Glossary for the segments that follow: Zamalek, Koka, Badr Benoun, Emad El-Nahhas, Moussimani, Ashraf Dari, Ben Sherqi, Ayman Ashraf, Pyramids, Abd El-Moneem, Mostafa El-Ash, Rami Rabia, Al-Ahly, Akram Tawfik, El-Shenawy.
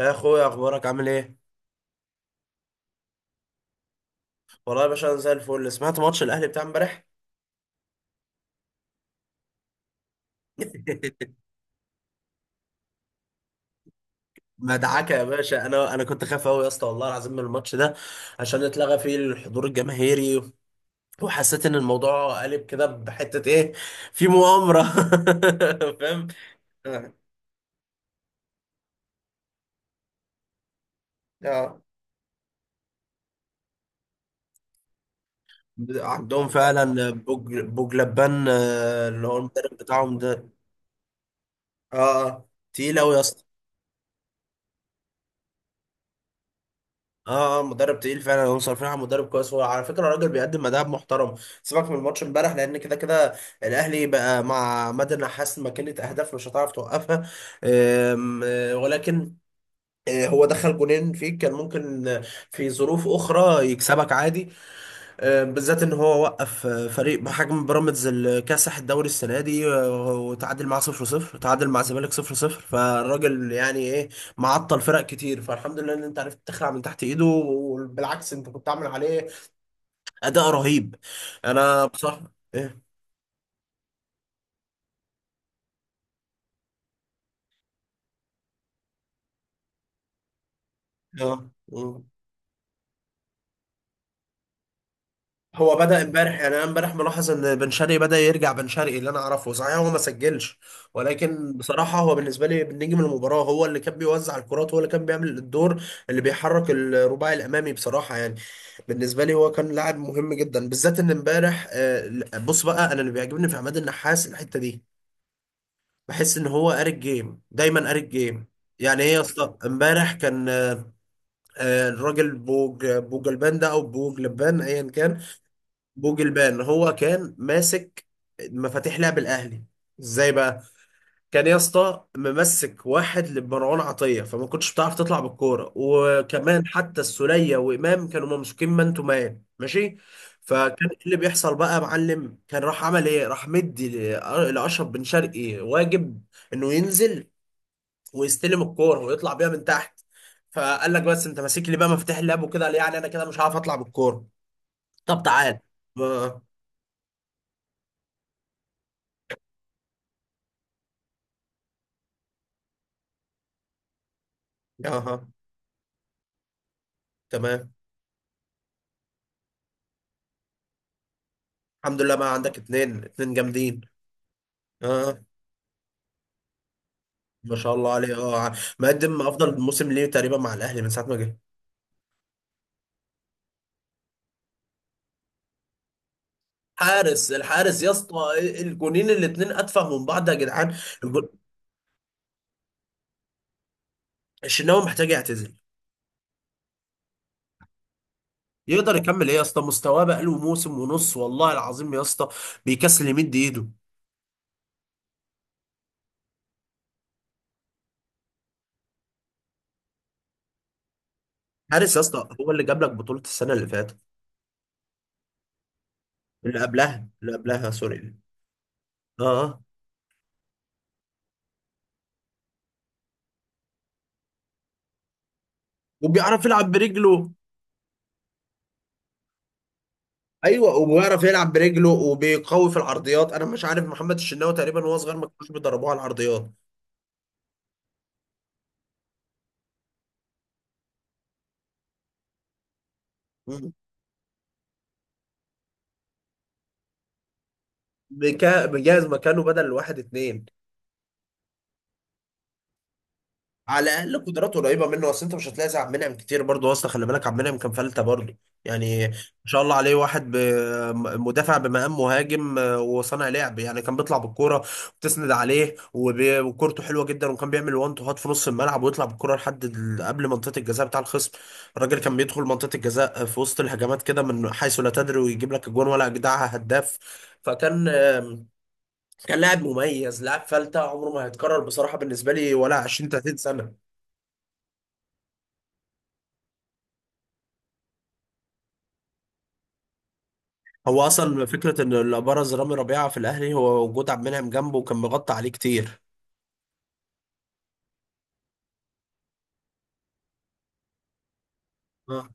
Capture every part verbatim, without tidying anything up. يا اخويا، اخبارك عامل ايه؟ والله يا باشا انا زي الفل. سمعت ماتش الاهلي بتاع امبارح. مدعكه يا باشا. انا انا كنت خايف قوي يا اسطى والله العظيم من الماتش ده، عشان اتلغى فيه الحضور الجماهيري، وحسيت ان الموضوع قلب كده بحته. ايه؟ في مؤامره. فاهم؟ آه، آه. عندهم فعلا بوج بوجلبان، آه، اللي هو المدرب بتاعهم ده. اه، آه. تقيل قوي يا اسطى. اه، آه، مدرب تقيل فعلا. هم صارفين على مدرب كويس. هو على فكره الراجل بيقدم اداء محترم. سيبك من الماتش امبارح، لان كده كده الاهلي بقى مع مدى النحاس ماكينه اهداف مش هتعرف توقفها. آم، آه، ولكن آه، هو دخل جونين فيك، كان ممكن آه، في ظروف اخرى يكسبك عادي. آه، بالذات ان هو وقف آه، فريق بحجم بيراميدز الكاسح الدوري السنه دي، آه، وتعادل معاه صفر صفر، تعادل مع الزمالك صفر صفر. فالراجل يعني ايه؟ معطل فرق كتير. فالحمد لله ان انت عرفت تخلع من تحت ايده. وبالعكس، انت كنت عامل عليه اداء رهيب. انا بصراحه ايه، اه، هو بدأ امبارح. يعني انا امبارح ملاحظ ان بن شرقي بدأ يرجع بن شرقي اللي انا اعرفه. صحيح هو ما سجلش، ولكن بصراحة هو بالنسبة لي نجم المباراة. هو اللي كان بيوزع الكرات، هو اللي كان بيعمل الدور اللي بيحرك الرباعي الامامي. بصراحة يعني بالنسبة لي هو كان لاعب مهم جدا، بالذات ان امبارح. آه، بص بقى، انا اللي بيعجبني في عماد النحاس الحتة دي، بحس ان هو قاري الجيم دايما، قاري الجيم. يعني ايه يا اسطى؟ امبارح كان آه، الراجل بوج بوج البان ده، او بوج لبان ايا كان، بوجلبان. هو كان ماسك مفاتيح لعب الاهلي. ازاي بقى؟ كان يا اسطى ممسك واحد لمروان عطيه، فما كنتش بتعرف تطلع بالكوره. وكمان حتى السوليه وامام كانوا ممسوكين مان تو مان، ماشي؟ فكان إيه اللي بيحصل بقى يا معلم؟ كان راح عمل ايه؟ راح مدي ل- لاشرف بن شرقي واجب انه ينزل ويستلم الكوره ويطلع بيها من تحت. فقال لك بس انت ماسك لي بقى مفاتيح اللعب وكده، قال يعني انا كده مش هعرف اطلع بالكوره. طب تعال. ما- اها، تمام. الحمد لله، بقى عندك اتنين، اتنين جامدين. اه، ما شاء الله عليه. اه، ع- مقدم افضل موسم ليه تقريبا مع الاهلي من ساعه ما جه. حارس، الحارس يا اسطى! الجونين الاتنين اتفه من بعض يا جدعان. الجون- الشناوي محتاج يعتزل. يقدر يكمل ايه يا اسطى؟ مستواه بقاله موسم ونص والله العظيم يا اسطى. بيكسل يمد ايده. حارس يا اسطى، هو اللي جاب لك بطوله السنه اللي فاتت. اللي قبلها، اللي قبلها، سوري. اه، آه. وبيعرف يلعب برجله. ايوه، وبيعرف يلعب برجله وبيقوي في العرضيات. انا مش عارف محمد الشناوي تقريبا وهو صغير ما كانوش بيدربوه على العرضيات. مم. بيكا- بيجهز مكانه بدل واحد اتنين. على الاقل قدراته قريبه منه. اصل انت مش هتلاقي زي عبد المنعم كتير برضه. اصلا خلي بالك، عبد المنعم كان فلته برضه. يعني ما شاء الله عليه. واحد ب- م- مدافع بمقام مهاجم، آه، وصانع لعب. يعني كان بيطلع بالكوره وتسند عليه، وبي- وكورته حلوه جدا، وكان بيعمل وان تو هات في نص الملعب ويطلع بالكوره لحد ال- قبل منطقه الجزاء بتاع الخصم. الراجل كان بيدخل منطقه الجزاء آه، في وسط الهجمات كده من حيث لا تدري، ويجيب لك اجوان، ولا اجدعها هداف. فكان آه، كان لاعب مميز، لاعب فلته عمره ما هيتكرر بصراحه بالنسبه لي ولا عشرين تلاتين سنه. هو اصلا فكره ان اللي ابرز رامي ربيعه في الاهلي هو وجود عبد المنعم جنبه، وكان مغطى عليه كتير. اه.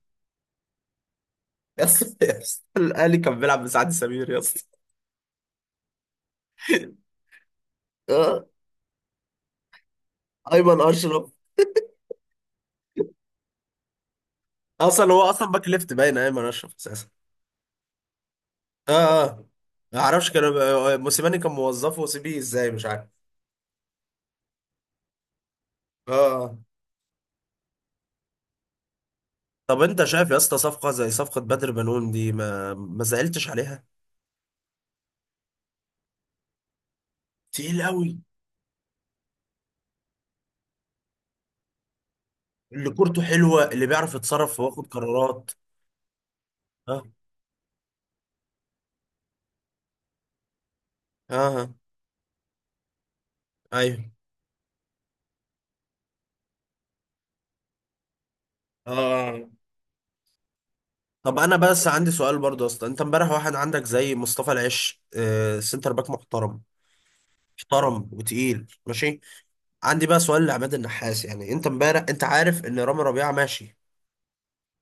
يا اسطى، يا اسطى، الاهلي كان بيلعب بسعد سمير يا اسطى! آه، ايمن اشرف. اصلا هو اصلا باك ليفت باين، آه، ايمن اشرف اساسا. اه، اه. ما اعرفش، كان آه، موسيماني كان موظفه وسيبيه ازاي، مش عارف. اه، آه. طب انت شايف يا اسطى صفقه زي صفقه بدر بنون دي؟ ما ما زعلتش عليها؟ تقيل قوي. اللي كورته حلوه، اللي بيعرف يتصرف وياخد قرارات. اه، اه. ايوه. اه. طب انا بس عندي سؤال برضه. اصلا انت امبارح واحد عندك زي مصطفى العش، آه، سنتر باك محترم، محترم وتقيل، ماشي. عندي بقى سؤال لعماد النحاس. يعني انت امبارح انت عارف ان رامي ربيعه ماشي،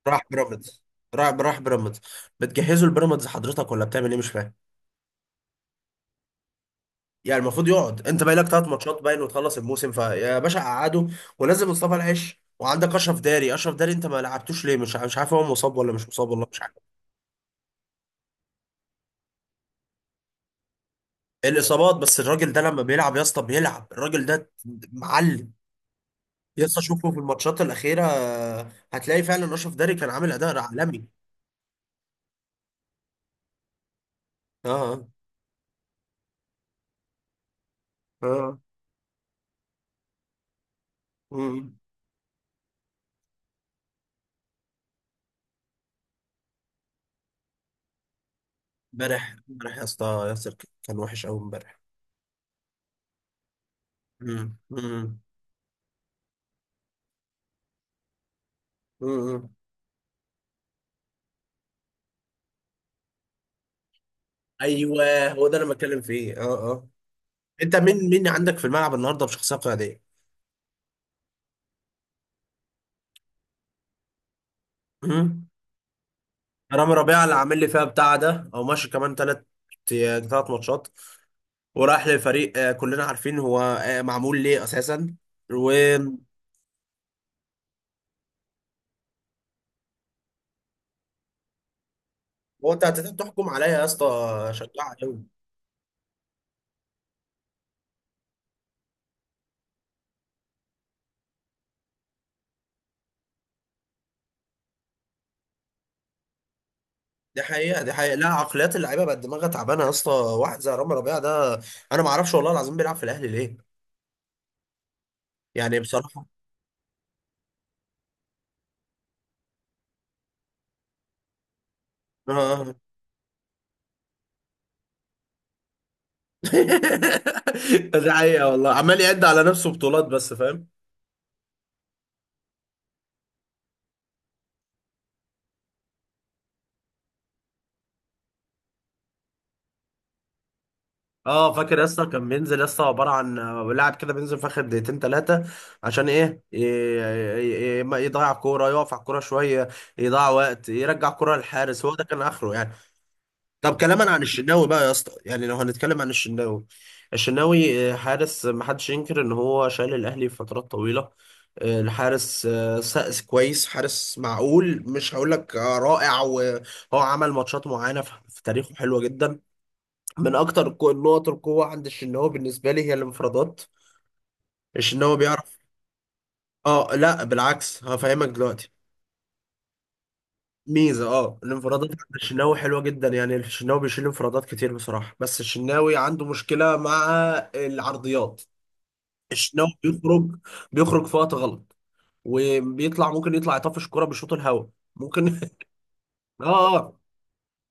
راح بيراميدز، راح راح بيراميدز. بتجهزه لبيراميدز حضرتك، ولا بتعمل ايه؟ مش فاهم. يعني المفروض يقعد، انت باقي لك ثلاث ماتشات باين وتخلص الموسم. فيا باشا قعده، ونزل مصطفى العش. وعندك اشرف داري، اشرف داري انت ما لعبتوش ليه؟ مش مش عارف هو مصاب ولا مش مصاب، والله مش عارف. الاصابات. بس الراجل ده لما بيلعب يا اسطى، بيلعب الراجل ده، معلم. يا اسطى شوفه في الماتشات الاخيره، هتلاقي فعلا اشرف داري كان عامل اداء عالمي. اه، اه. مم. امبارح، امبارح يا اسطى ياسر ك- كان وحش قوي امبارح. مم. مم. مم. ايوه، هو ده اللي أنا بتكلم فيه. اه، اه. انت مين، مين عندك في الملعب النهارده بشخصيه قياديه؟ مم. رامي ربيعه اللي عامل لي فيها بتاع ده، او ماشي كمان ثلاث ثلاث ماتشات، وراح لفريق آه، كلنا عارفين هو آه، معمول ليه اساسا. وهو، انت هتقدر تحكم عليا يا اسطى، شجاع قوي. دي حقيقه، دي حقيقه. لا، عقليات اللعيبه بقت دماغها تعبانه يا اسطى. واحد زي رامي ربيعه ده، انا ما اعرفش والله العظيم بيلعب في الاهلي ليه، يعني بصراحه. اه. دي حقيقه والله، عمال يعد على نفسه بطولات بس، فاهم. اه، فاكر يا اسطى، كان بينزل يا اسطى عباره عن آه، لاعب كده بينزل في اخر دقيقتين ثلاثه. عشان ايه؟ ي- ي- ي- ما يضيع كوره، يقف على الكوره شويه، يضيع وقت، يرجع كوره للحارس. هو ده كان اخره يعني. طب كلاما عن الشناوي بقى يا اسطى، يعني لو هنتكلم عن الشناوي، الشناوي آه، حارس ما حدش ينكر ان هو شايل الاهلي فترات طويله. آه، الحارس آه، سقس كويس، حارس معقول، مش هقول لك آه، رائع. وهو عمل ماتشات معينه في في تاريخه حلوه جدا. من اكتر القو- النقط القوه عند الشناوي بالنسبه لي هي الانفرادات. الشناوي بيعرف. اه، لا بالعكس، هفهمك دلوقتي. ميزه، اه، الانفرادات عند الشناوي حلوه جدا. يعني الشناوي بيشيل انفرادات كتير بصراحه. بس الشناوي عنده مشكله مع العرضيات. الشناوي بيخرج، بيخرج في وقت غلط، وبيطلع ممكن يطلع يطفش الكرة بشوط الهوا، ممكن. اه، اه.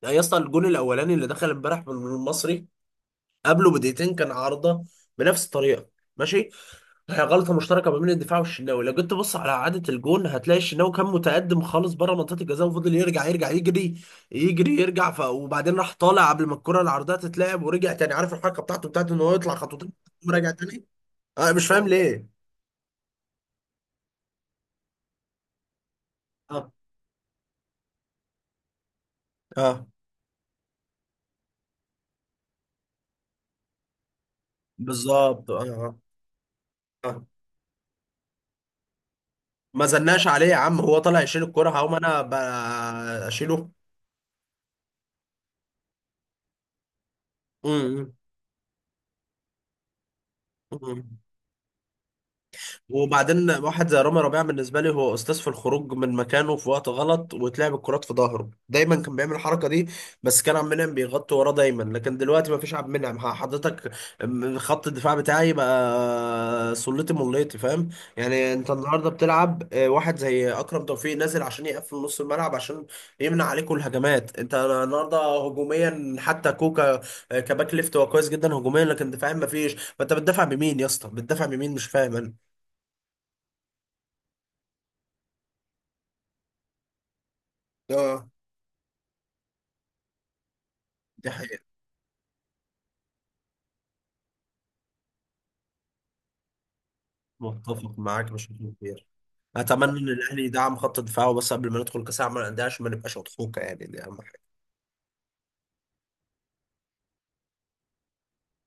يعني يا اسطى الجون الاولاني اللي دخل امبارح من المصري، قبله بدقيقتين كان عارضه بنفس الطريقه، ماشي؟ هي غلطة مشتركة ما بين الدفاع والشناوي. لو جيت تبص على إعادة الجون، هتلاقي الشناوي كان متقدم خالص بره منطقة الجزاء، وفضل يرجع، يرجع، يجري، يجري، يرجع. ف... وبعدين راح طالع قبل ما الكرة العرضية تتلعب، ورجع تاني. عارف الحركة بتاعته، بتاعت إن هو يطلع خطوتين وراجع تاني. أنا مش فاهم ليه. اه، اه، بالظبط، اه، اه، آه. ما زلناش عليه يا عم، هو طالع يشيل الكرة، هقوم أنا ب- أشيله. امم. إمم، إمم. وبعدين واحد زي رامي ربيعة بالنسبة لي هو أستاذ في الخروج من مكانه في وقت غلط، وتلعب الكرات في ظهره. دايما كان بيعمل الحركة دي، بس كان عبد المنعم بيغطي وراه دايما. لكن دلوقتي ما فيش عبد المنعم، ح- حضرتك، م- خط الدفاع بتاعي بقى سلتي مليتي، فاهم؟ يعني أنت النهاردة بتلعب آه، واحد زي أكرم توفيق نازل عشان يقفل نص الملعب، عشان يمنع عليكم الهجمات. أنت النهاردة هجوميا، حتى كوكا آه، كباك ليفت هو كويس جدا هجوميا، لكن دفاعيا ما فيش. فأنت بتدافع بمين يا اسطى؟ بتدافع بمين؟ مش فاهم أنا. اه، دي حقيقة، متفق معاك بشكل كبير. اتمنى ان الاهلي يدعم خط دفاعه بس قبل ما ندخل كاس العالم للانديه، عشان ما نبقاش اضحوكه. يعني دي اهم حاجه.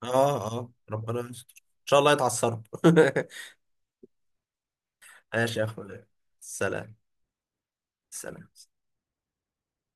اه، اه. ربنا يستر ان شاء الله يتعثروا. ماشي يا اخويا، سلام. سلام.